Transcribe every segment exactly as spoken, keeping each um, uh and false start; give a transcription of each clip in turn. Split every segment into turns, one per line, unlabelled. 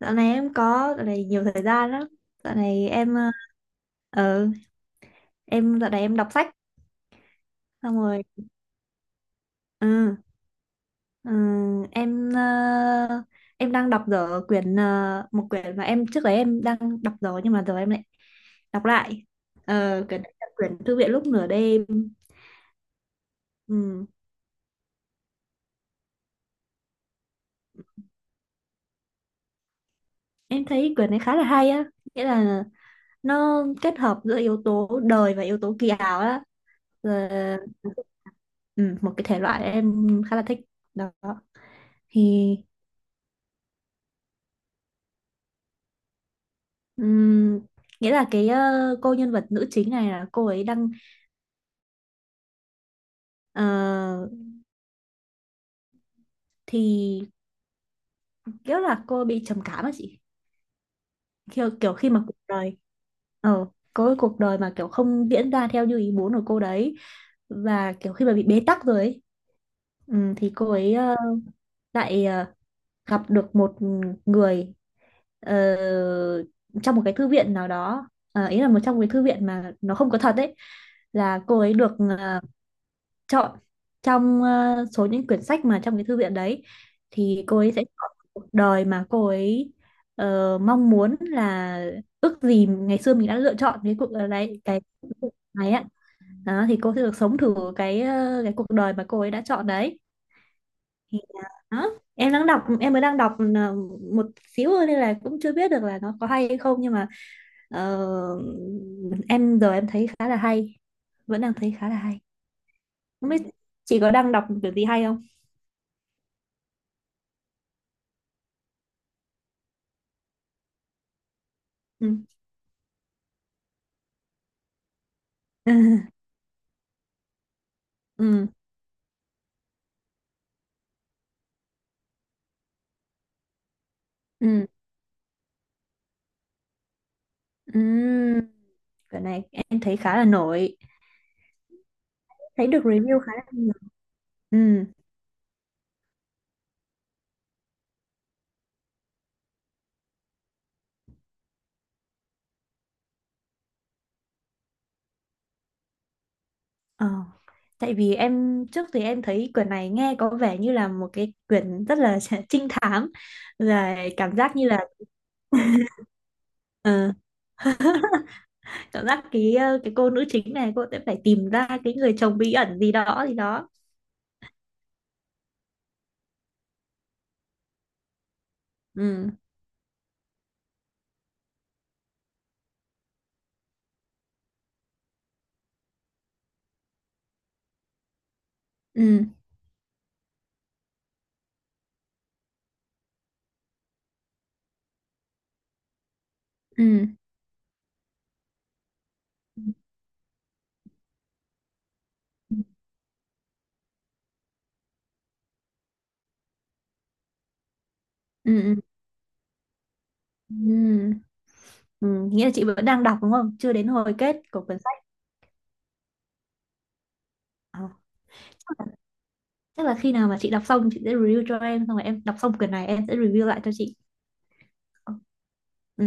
Dạo này em có dạo này nhiều thời gian lắm. Dạo này em ờ ừ, em dạo này em đọc sách xong rồi. Ừ. Ừ, em ờ, em đang đọc dở quyển ờ, một quyển mà em trước đấy em đang đọc rồi, nhưng mà giờ em lại đọc lại. Ờ, quyển đấy là quyển Thư viện lúc nửa đêm. Ừ. Em thấy quyển này khá là hay á, nghĩa là nó kết hợp giữa yếu tố đời và yếu tố kỳ ảo á. Rồi, ừ, một cái thể loại em khá là thích đó. Thì ừm, nghĩa là cái ờ, cô nhân vật nữ chính này là cô ấy đang ờ, thì kiểu là cô bị trầm cảm á chị, kiểu, kiểu khi mà cuộc đời ờ có cái cuộc đời mà kiểu không diễn ra theo như ý muốn của cô đấy, và kiểu khi mà bị bế tắc rồi ấy, ừm, thì cô ấy ờ, lại ờ, gặp được một người ờ, trong một cái thư viện nào đó. Ờ, ý là một trong cái thư viện mà nó không có thật ấy, là cô ấy được ờ, chọn trong ờ, số những quyển sách mà trong cái thư viện đấy, thì cô ấy sẽ chọn cuộc đời mà cô ấy ờ, mong muốn, là ước gì ngày xưa mình đã lựa chọn cái cuộc đời này cái này á. Đó, thì cô sẽ được sống thử cái ờ, cái cuộc đời mà cô ấy đã chọn đấy. Thì đó, em đang đọc em mới đang đọc ờ, một xíu thôi nên là cũng chưa biết được là nó có hay hay không, nhưng mà ờ, em giờ em thấy khá là hay, vẫn đang thấy khá là hay. Không biết chị có đang đọc kiểu gì hay không. Ừ. Ừ, ừ, ừ, ừ, cái này em thấy khá là nổi, thấy được review khá là nhiều. Ừ. Ờ. Tại vì em trước thì em thấy quyển này nghe có vẻ như là một cái quyển rất là trinh thám, rồi cảm giác như là ờ, cảm giác cái ờ, cái cô nữ chính này cô sẽ phải tìm ra cái người chồng bí ẩn gì đó gì đó. Ừ, ừ, ừ, ừ, ừ, ừ, ừ. Ừ, nghĩa là chị vẫn đang đọc đúng không, chưa đến hồi kết của quyển sách. Ờ, chắc là, chắc là khi nào mà chị đọc xong chị sẽ review cho em, xong rồi em đọc xong quyển này em sẽ review lại cho chị. Ờ, ừ.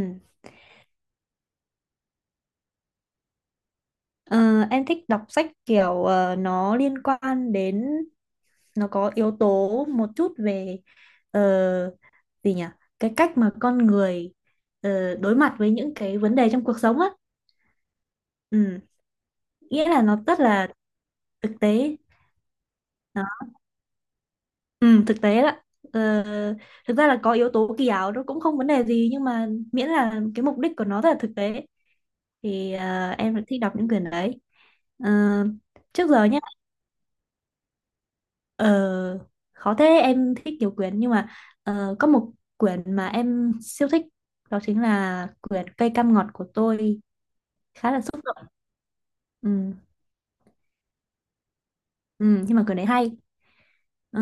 Ờ, em thích đọc sách kiểu ờ, nó liên quan đến, nó có yếu tố một chút về ờ, gì nhỉ, cái cách mà con người ờ, đối mặt với những cái vấn đề trong cuộc sống á. Ừ. Nghĩa là nó rất là thực tế. Ừ, thực tế đó. Ờ, thực ra là có yếu tố kỳ ảo nó cũng không vấn đề gì, nhưng mà miễn là cái mục đích của nó rất là thực tế thì ờ, em vẫn thích đọc những quyển đấy. Ờ, trước giờ nhé, ờ, khó thế, em thích nhiều quyển nhưng mà ờ, có một quyển mà em siêu thích, đó chính là quyển Cây cam ngọt của tôi. Khá là xúc động. Ừ. Ừ, nhưng mà quyển đấy hay. Ờ,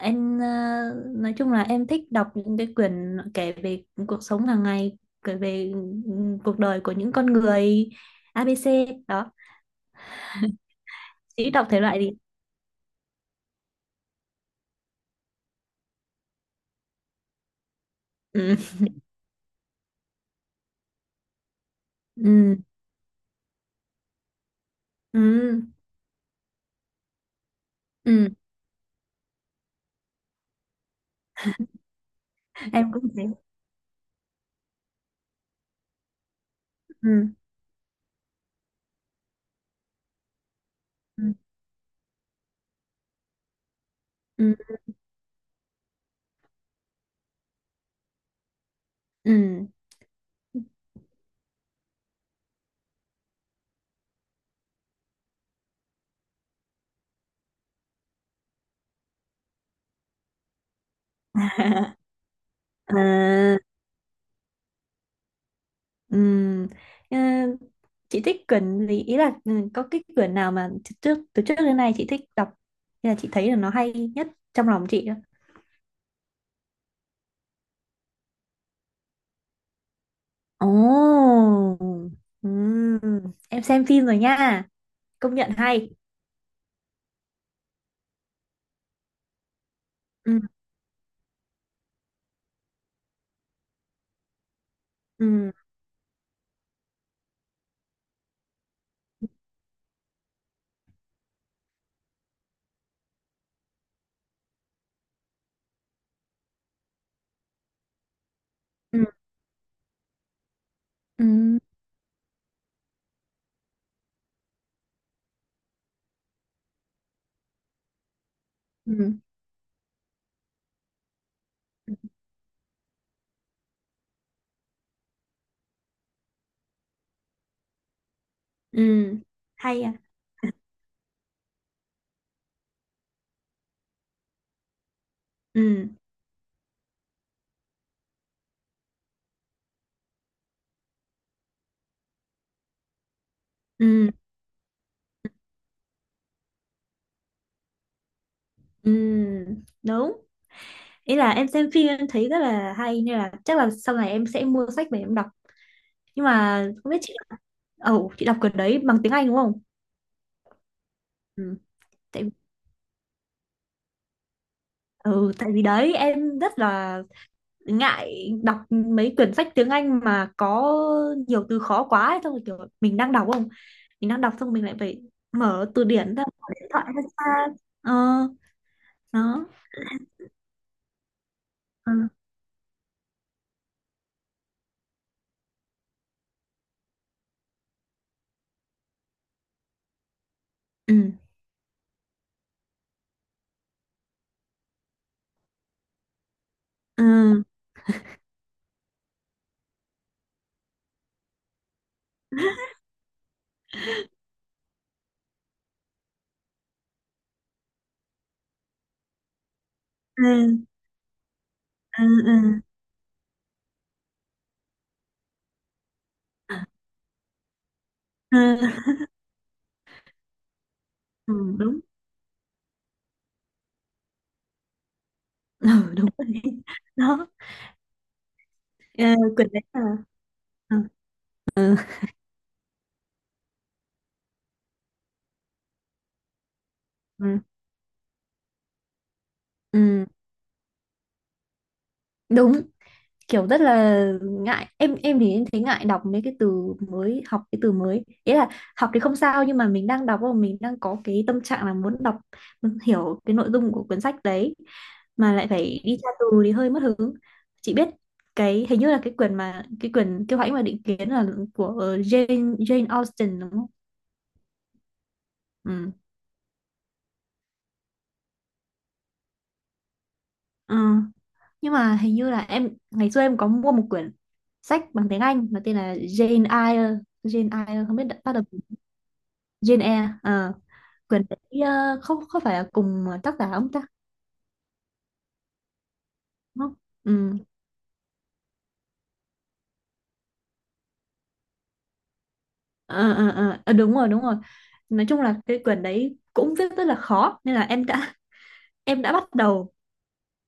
em ờ, nói chung là em thích đọc những cái quyển kể về cuộc sống hàng ngày, kể về, ừ, cuộc đời của những con người a bê xê đó. Chỉ đọc thể loại gì. Ừ. Ừ. Ừ. Ừ. Em cũng thế. Ừ. Ừ. Ừ. Ừ. À. Ừm, ờ, chị thích quyển gì, ý là ừ, có cái quyển nào mà từ trước, từ trước đến nay chị thích đọc nên là chị thấy là nó hay nhất trong lòng chị á? Ồ, ừm, em xem phim rồi nha, công nhận hay. Ừ, ừ, ừ, ừ, ừ, ừ, hay à? Ừ, ừ, ừ, đúng. Ý là em xem phim em thấy rất là hay nên là chắc là sau này em sẽ mua sách về em đọc. Nhưng mà không biết chị, ồ, chị đọc quyển đấy bằng tiếng Anh đúng không? Ừ. Tại ừ, tại vì đấy em rất là ngại đọc mấy quyển sách tiếng Anh mà có nhiều từ khó quá ấy. Xong rồi kiểu mình đang đọc không, mình đang đọc xong mình lại phải mở từ điển ra, mở điện thoại ra xa. ờ nó. Ừ, ừ, ừ, ừ, ừ, ừ, ừ, ừ, đúng. Ừ, đúng rồi. Đó. Ờ, quyển đấy là ừ, ừ, ừ, ừ, đúng. Kiểu rất là ngại, em em thì em thấy ngại đọc mấy cái từ mới, học cái từ mới ý là học thì không sao, nhưng mà mình đang đọc và mình đang có cái tâm trạng là muốn đọc, muốn hiểu cái nội dung của cuốn sách đấy mà lại phải đi tra từ thì hơi mất hứng. Chị biết cái hình như là cái quyển mà cái quyển Kiêu Hãnh và Định Kiến là của Jane Jane Austen đúng không. Ừ. Ờ, nhưng mà hình như là em ngày xưa em có mua một quyển sách bằng tiếng Anh mà tên là Jane Eyre Jane Eyre không biết đã bắt đầu. Jane Eyre ờ Quỳnh Tỷ ờ, không có phải là cùng tác giả ông ta đúng không. Ừ. Ờ, ờ, ờ. Ờ, đúng rồi, đúng rồi, nói chung là cái quyển đấy cũng viết rất là khó nên là em đã em đã bắt đầu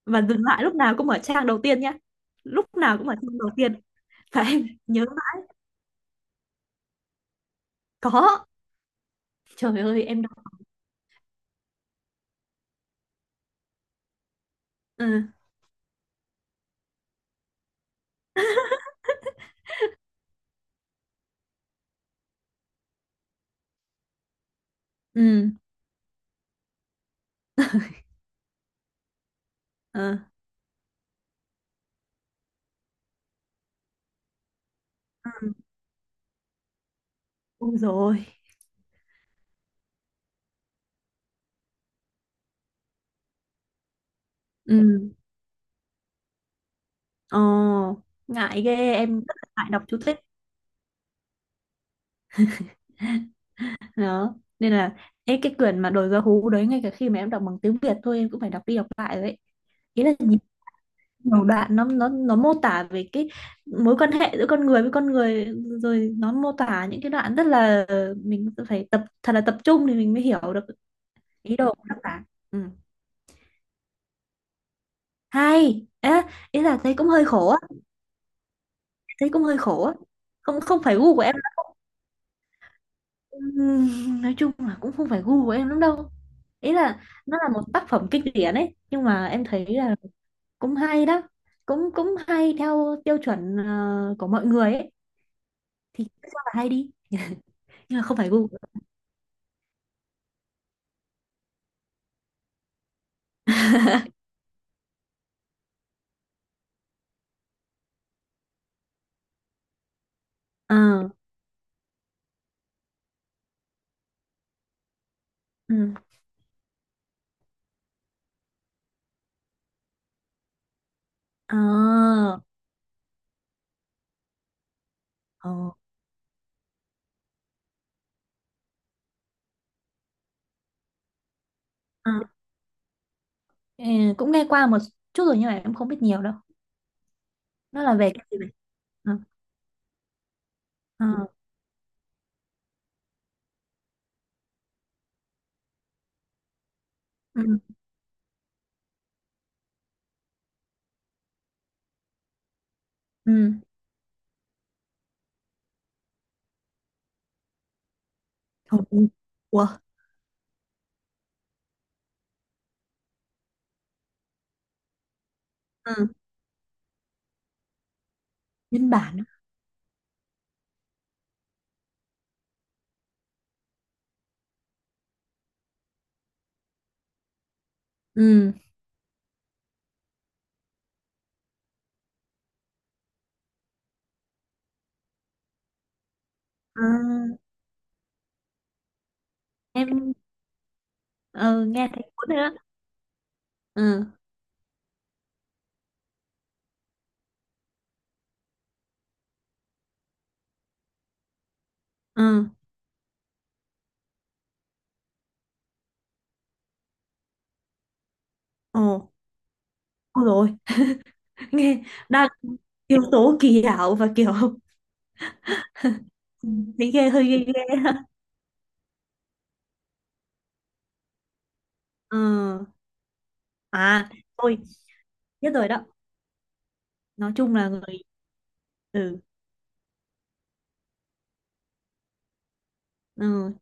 và dừng lại lúc nào cũng ở trang đầu tiên nhá, lúc nào cũng ở trang đầu tiên, và em nhớ là có. Trời ơi em đọc. Ừ. Ừ. Ờ đúng rồi. Ừ. Ồ, ngại ghê, em rất là ngại đọc chú thích. Đó nên là ấy, cái quyển mà Đồi Gió Hú đấy, ngay cả khi mà em đọc bằng tiếng Việt thôi em cũng phải đọc đi đọc lại đấy. Ý là nhìn nhiều đoạn nó nó nó mô tả về cái mối quan hệ giữa con người với con người, rồi nó mô tả những cái đoạn rất là, mình phải tập thật là tập trung thì mình mới hiểu được ý đồ của tác giả. Ừ. Hay. Ê, ý là thấy cũng hơi khổ á, thấy cũng hơi khổ á, không không phải gu của em. Ừm, nói chung là cũng không phải gu của em lắm đâu, ý là nó là một tác phẩm kinh điển ấy nhưng mà em thấy là cũng hay đó, cũng cũng hay theo tiêu chuẩn ờ, của mọi người ấy, thì cứ cho là hay đi, nhưng mà không phải gu. Ờ. Ừ. Ờ, ờ, ờ. Ừ, cũng nghe qua một chút rồi nhưng mà em không biết nhiều đâu. Nó là về cái gì vậy? Ờ. Ờ. Ừ. Ừ. Ồ, ủa. Ừ. Nhân bản á. Ừ. Ờ, em ờ, nghe thấy cuốn rồi đó. Ừ. Ừ. Ồ. Ôi rồi, nghe đang yếu tố kỳ ảo và kiểu. Thấy ghê hơi, ghê ghê. Ờ, à tôi biết rồi đó, nói chung là người. Ừ. Ừ,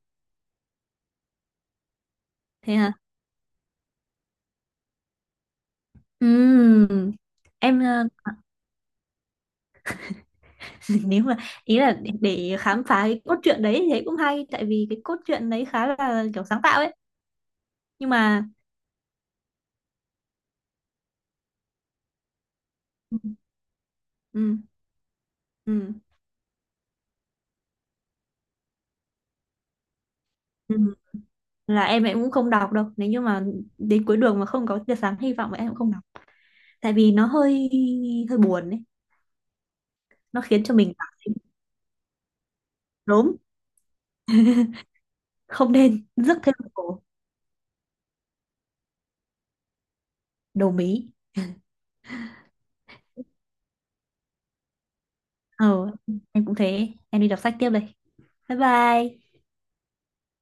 thế hả. Ừm, em ờ, nếu mà ý là để để khám phá cái cốt truyện đấy thì thấy cũng hay, tại vì cái cốt truyện đấy khá là kiểu sáng tạo ấy, nhưng mà ừ, ừ, ừ, ừ, là em em cũng không đọc đâu nếu như mà đến cuối đường mà không có tia sáng hy vọng thì em cũng không đọc, tại vì nó hơi hơi buồn ấy. Nó khiến cho mình cảm thấy đốm, không nên rước thêm một cổ đầu mí. Ờ, em cũng thế. Em đi đọc sách tiếp đây. Bye bye.